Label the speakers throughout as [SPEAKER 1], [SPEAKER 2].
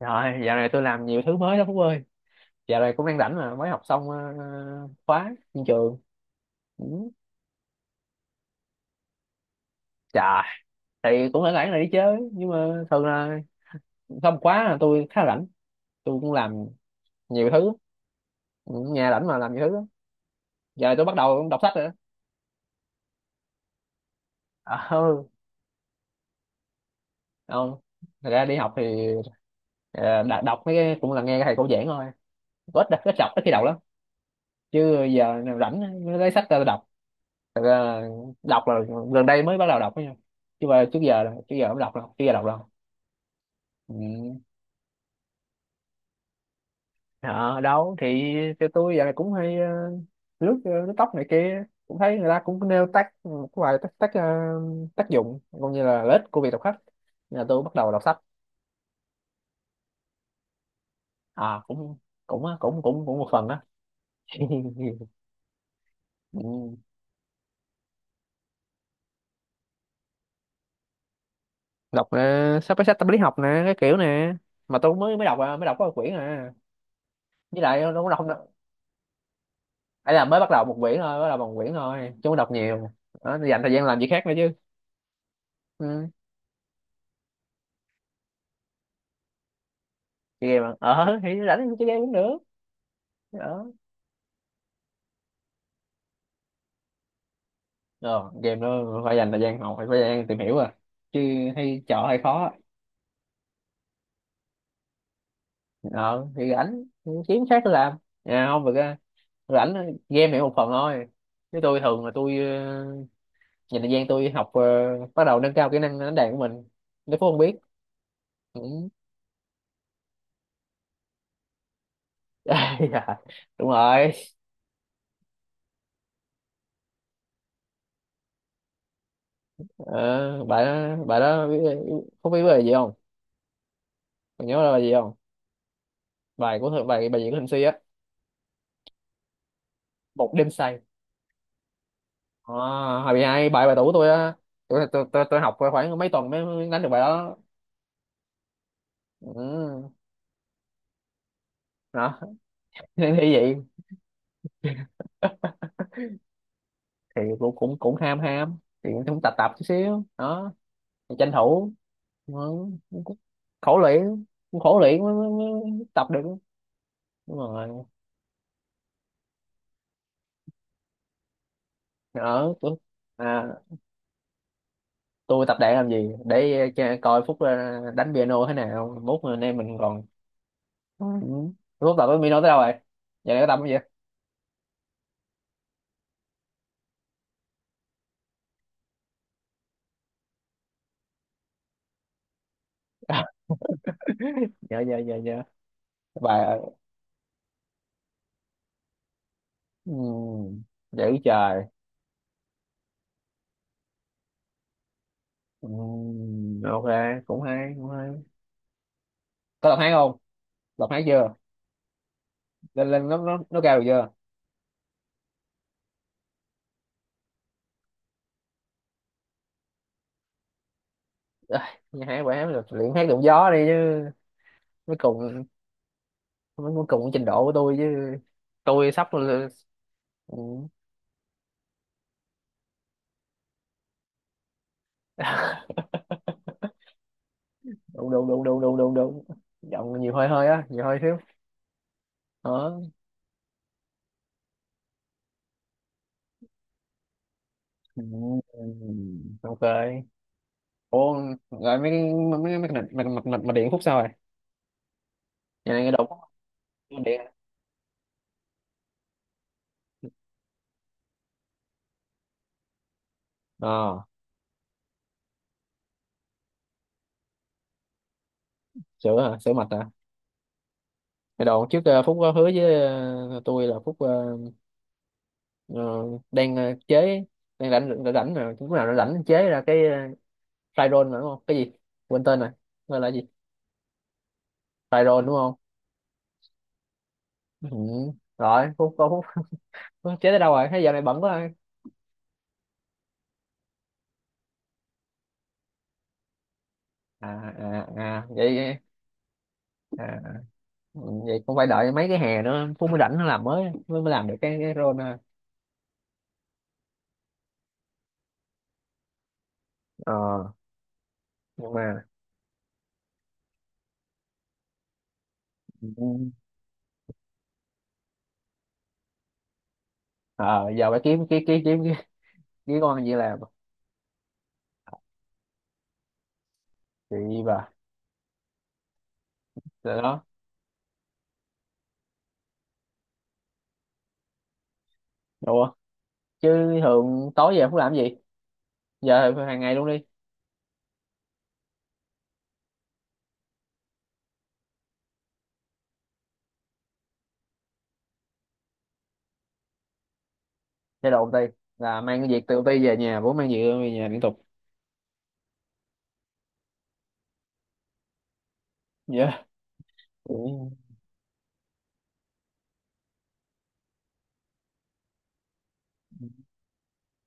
[SPEAKER 1] Rồi, dạo này tôi làm nhiều thứ mới đó Phúc ơi. Dạo này cũng đang rảnh mà, mới học xong khóa trên trường. Ừ. Chà, thì cũng phải rảnh là đi chứ, nhưng mà thường là xong khóa là tôi khá rảnh. Tôi cũng làm nhiều thứ. Ừ, nhà rảnh mà làm nhiều thứ lắm. Giờ tôi bắt đầu đọc sách rồi đó. À, ừ, không. Thật ra đi học thì đọc mấy cái cũng là nghe thầy cô giảng thôi. Ít ít đọc, ít khi đầu lắm, chứ giờ nào rảnh mới lấy sách ra đọc. Thật ra đọc là gần đây mới bắt đầu đọc ấy nha, chứ mà trước giờ không đọc đâu, trước giờ đọc đâu. Ừ. Ờ, đâu thì cho tôi giờ này cũng hay lướt lướt tóc này kia cũng thấy người ta cũng nêu tác một vài tác tác, ờ, tác dụng cũng như là lợi ích của việc đọc sách. Nên là tôi bắt đầu đọc sách. À cũng cũng á, cũng cũng cũng một phần đó. Ừ. Đọc sắp cái sách tâm lý học nè, cái kiểu nè, mà tôi mới mới đọc à, mới đọc có một quyển à, với lại tôi cũng đọc. Ấy là mới bắt đầu một quyển thôi, bắt đầu bằng quyển thôi chứ không đọc nhiều đó, dành thời gian làm việc khác nữa chứ. Ừ. Chơi game à? Ờ thì rảnh thì chơi game cũng được đó. Ờ, Game nó phải dành thời gian học, phải phải dành thời gian tìm hiểu à, chứ hay chọn hay khó. Ờ thì rảnh thì kiếm khác để làm. À, không được á, rảnh game này một phần thôi, chứ tôi thường là tôi dành thời gian tôi học bắt đầu nâng cao kỹ năng đánh đàn của mình, nếu Phú không biết. Ừ. Dạ, đúng rồi. Ờ, bà đó biết, có biết về gì không, còn nhớ là gì không? Bài, bài diễn của Thịnh Suy á, Một Đêm Say. À, hồi bị hai bài, bài tủ tôi á, tôi học khoảng mấy tuần mới mới đánh được bài đó. Ừ. Đó. Nên như vậy. Thì cũng cũng cũng ham ham, thì cũng cũng tập tập chút xíu đó. Thì tranh thủ. Ừ. Cũng— cũng khổ luyện, cũng khổ luyện mới tập được. Đúng rồi. Ở tôi. À, tôi tập đàn làm gì để coi Phúc đánh piano thế nào, mốt anh em mình còn. Ừ. Rốt tập với Mino tới đâu rồi? Giờ này có tập không vậy? Dạ dạ dạ dạ. Bài. Ừ. Dữ trời. Ừ. Ok, cũng hay, cũng hay. Có tập hát không? Tập hát chưa? Lên lên, nó cao được chưa? À, nghe hát bài hát được, luyện hát đụng gió đi chứ. Mới cùng, mới mới cùng trình độ của tôi chứ. Tôi sắp. Ừ. đúng đúng đúng đúng đúng đúng đúng. Giọng nhiều hơi, hơi á, nhiều hơi xíu. Đó. Ừ. Ok. Ủa, rồi mấy cái, mấy cái mặt mặt mặt mặt mặt điện Phúc sao rồi? Nhà này cái đồ Phúc, mặt điện à? Ờ, sửa hả? Sửa mặt à? Cái đồ trước Phúc có hứa với tôi là Phúc ờ, đang chế, đang rảnh rảnh rảnh mà lúc nào nó rảnh chế ra cái fry roll mà đúng không? Cái gì? Quên tên rồi. Gọi là gì? Fry roll đúng không? Ừ. Rồi, Phúc có Phúc, Phúc chế tới đâu rồi? Thế giờ này bận quá rồi. À à à vậy à, vậy cũng phải đợi mấy cái hè nữa Phúc mới rảnh nó làm, mới mới mới làm được cái roll ha. Ờ nhưng mà. Ừ. Ờ, giờ phải kiếm cái kiếm cái con gì làm chị bà rồi đó đúng không, chứ thường tối về không làm gì, giờ hàng ngày luôn đi chơi đồ công ty, là mang cái việc từ công ty về nhà, bố mang việc về nhà liên tục. Dạ yeah.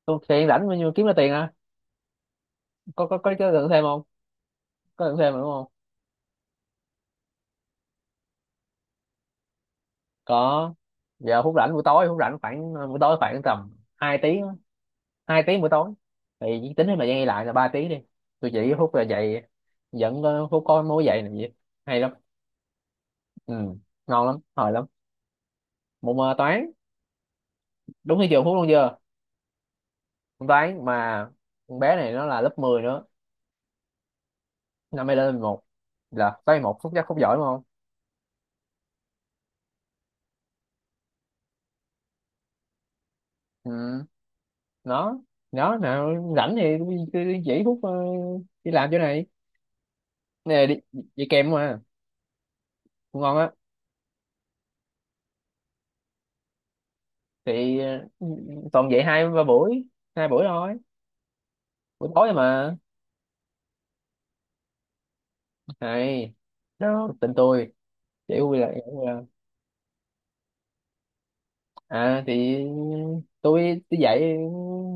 [SPEAKER 1] Tôi tiền rảnh bao nhiêu kiếm ra tiền à, có lượng thêm không, có lượng thêm mà đúng không, có. Giờ phút rảnh buổi tối, phút rảnh khoảng buổi tối khoảng tầm 2 tiếng á. 2 tiếng buổi tối, thì chỉ tính thêm thời gian đi lại là 3 tiếng đi. Tôi chỉ phút là dậy, vẫn phút có mối dậy làm gì, hay lắm. Ừ. Ngon lắm, hồi lắm. Môn toán. Đúng như trường Phúc luôn chưa? Môn toán mà. Con bé này nó là lớp 10 nữa, năm nay lên 11, là toán một. Phúc chắc Phúc giỏi đúng không? Ừ. nó nó nào rảnh thì cứ chỉ Phúc đi làm chỗ này nè đi, đi kèm mà, cũng ngon á. Thì toàn dạy 2 3 buổi, 2 buổi thôi, buổi tối mà. Này đó tình tôi chỉ vui là. À thì tôi dạy,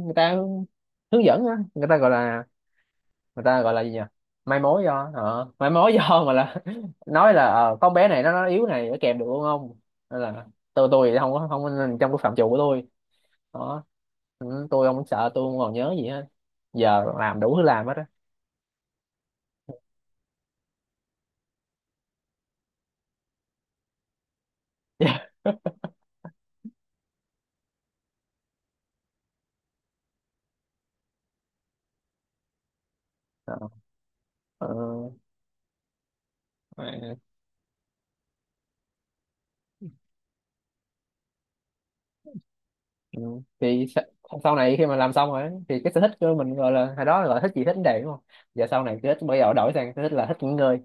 [SPEAKER 1] người ta hướng, hướng dẫn á, người ta gọi là, người ta gọi là gì nhỉ? Mai mối. Do mai mối do mà là, nói là con bé này nó yếu này, nó kèm được không không. Nên là tôi thì không có, không trong cái phạm trù của tôi đó. Ừ, tôi không sợ, tôi không còn nhớ gì hết, giờ làm đủ thứ, làm hết á. Ờ, ờ, ừ. Thì sau này khi mà làm xong rồi thì cái sở thích của mình, gọi là hồi đó gọi là thích gì thích vấn đề đúng không, giờ sau này cứ thích, bây giờ đổi sang sở thích là thích nghỉ ngơi.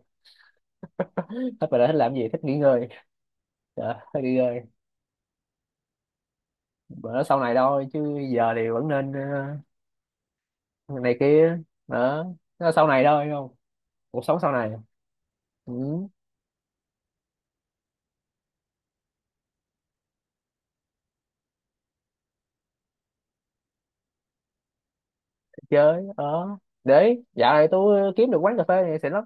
[SPEAKER 1] Thích bà đã, thích làm gì, thích nghỉ ngơi. Dạ, thích nghỉ ngơi. Bữa đó sau này thôi, chứ giờ thì vẫn nên ờ, này kia đó, nó sau này thôi không, cuộc sống sau này. Ừ, chơi ở, để dạo này tôi kiếm được quán cà phê này xịn lắm.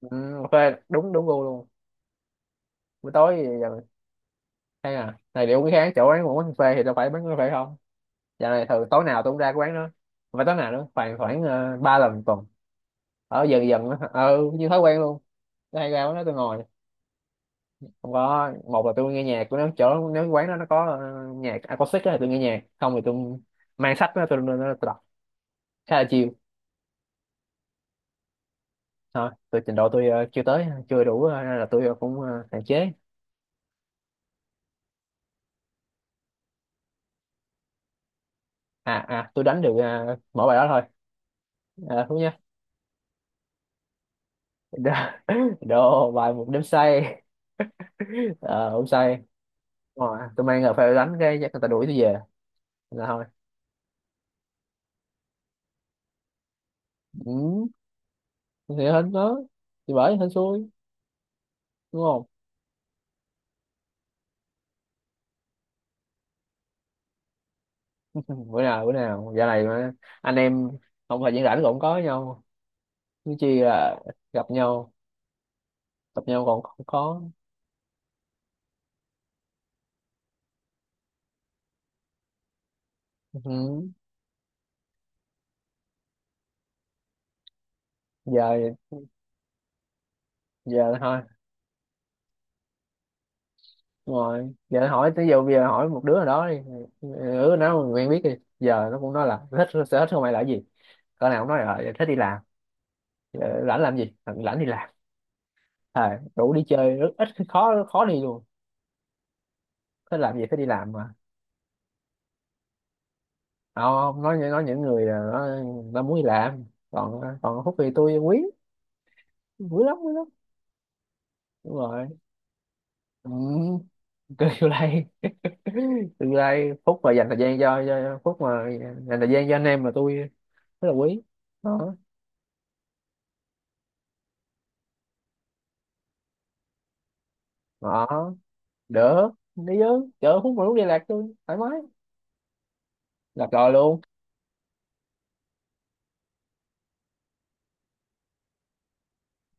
[SPEAKER 1] Ừ, cà phê đúng, đúng gu luôn. Buổi tối thì giờ mình hay à này liệu cái kháng chỗ quán, quán cà phê thì đâu phải bán cà phê không. Dạo này thường tối nào tôi cũng ra cái quán đó, và tối nào nữa khoảng, khoảng 3 lần một tuần. Ở dần dần ừ như thói quen luôn, tôi hay ra quán đó tôi ngồi. Không có, một là tôi nghe nhạc của nó chỗ, nếu quán đó nó có nhạc acoustic á thì tôi nghe nhạc, không thì tôi mang sách đó, tôi đọc, khá là chill. Thôi tôi trình độ tôi chưa tới chưa đủ nên là tôi cũng hạn chế. À à tôi đánh được mỗi bài đó thôi. À, thú nhá. Đồ, đồ bài Một Đêm Say. Ờ không say. Ờ, tôi mang là phải đánh cái chắc người ta đuổi tôi về, là thôi. Ừ, thì hên đó, thì bởi hên xui. Đúng không? Bữa nào, bữa nào giờ này mà anh em không phải diễn, rảnh cũng có với nhau chứ chi là gặp nhau, gặp nhau còn không có. Ừ. Giờ, giờ thôi. Đúng rồi, giờ hỏi tới giờ, bây giờ hỏi một đứa nào đó đi, ừ, nó quen biết đi, giờ nó cũng nói là thích, sở thích của mày là cái gì, con nào cũng nói là thích đi làm. Ờ, rảnh làm gì? Ờ, rảnh đi làm. À, đủ đi chơi rất ít, khó khó đi luôn, thích làm gì, thích đi làm mà. Không, nói, nói những người là nó muốn đi làm, còn còn Phúc thì tôi quý, quý lắm, quý lắm. Đúng rồi. Ừ, kêu vô đây. Tương lai Phúc mà dành thời gian cho Phúc mà, dành thời gian cho anh em mà tôi rất là quý đó. Đó, đỡ, đi chứ, chở Phúc mà lúc đi Lạc tôi thoải mái, Lạc rồi luôn.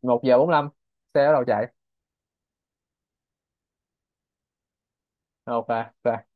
[SPEAKER 1] 1:45 xe bắt đầu chạy. Ok ok.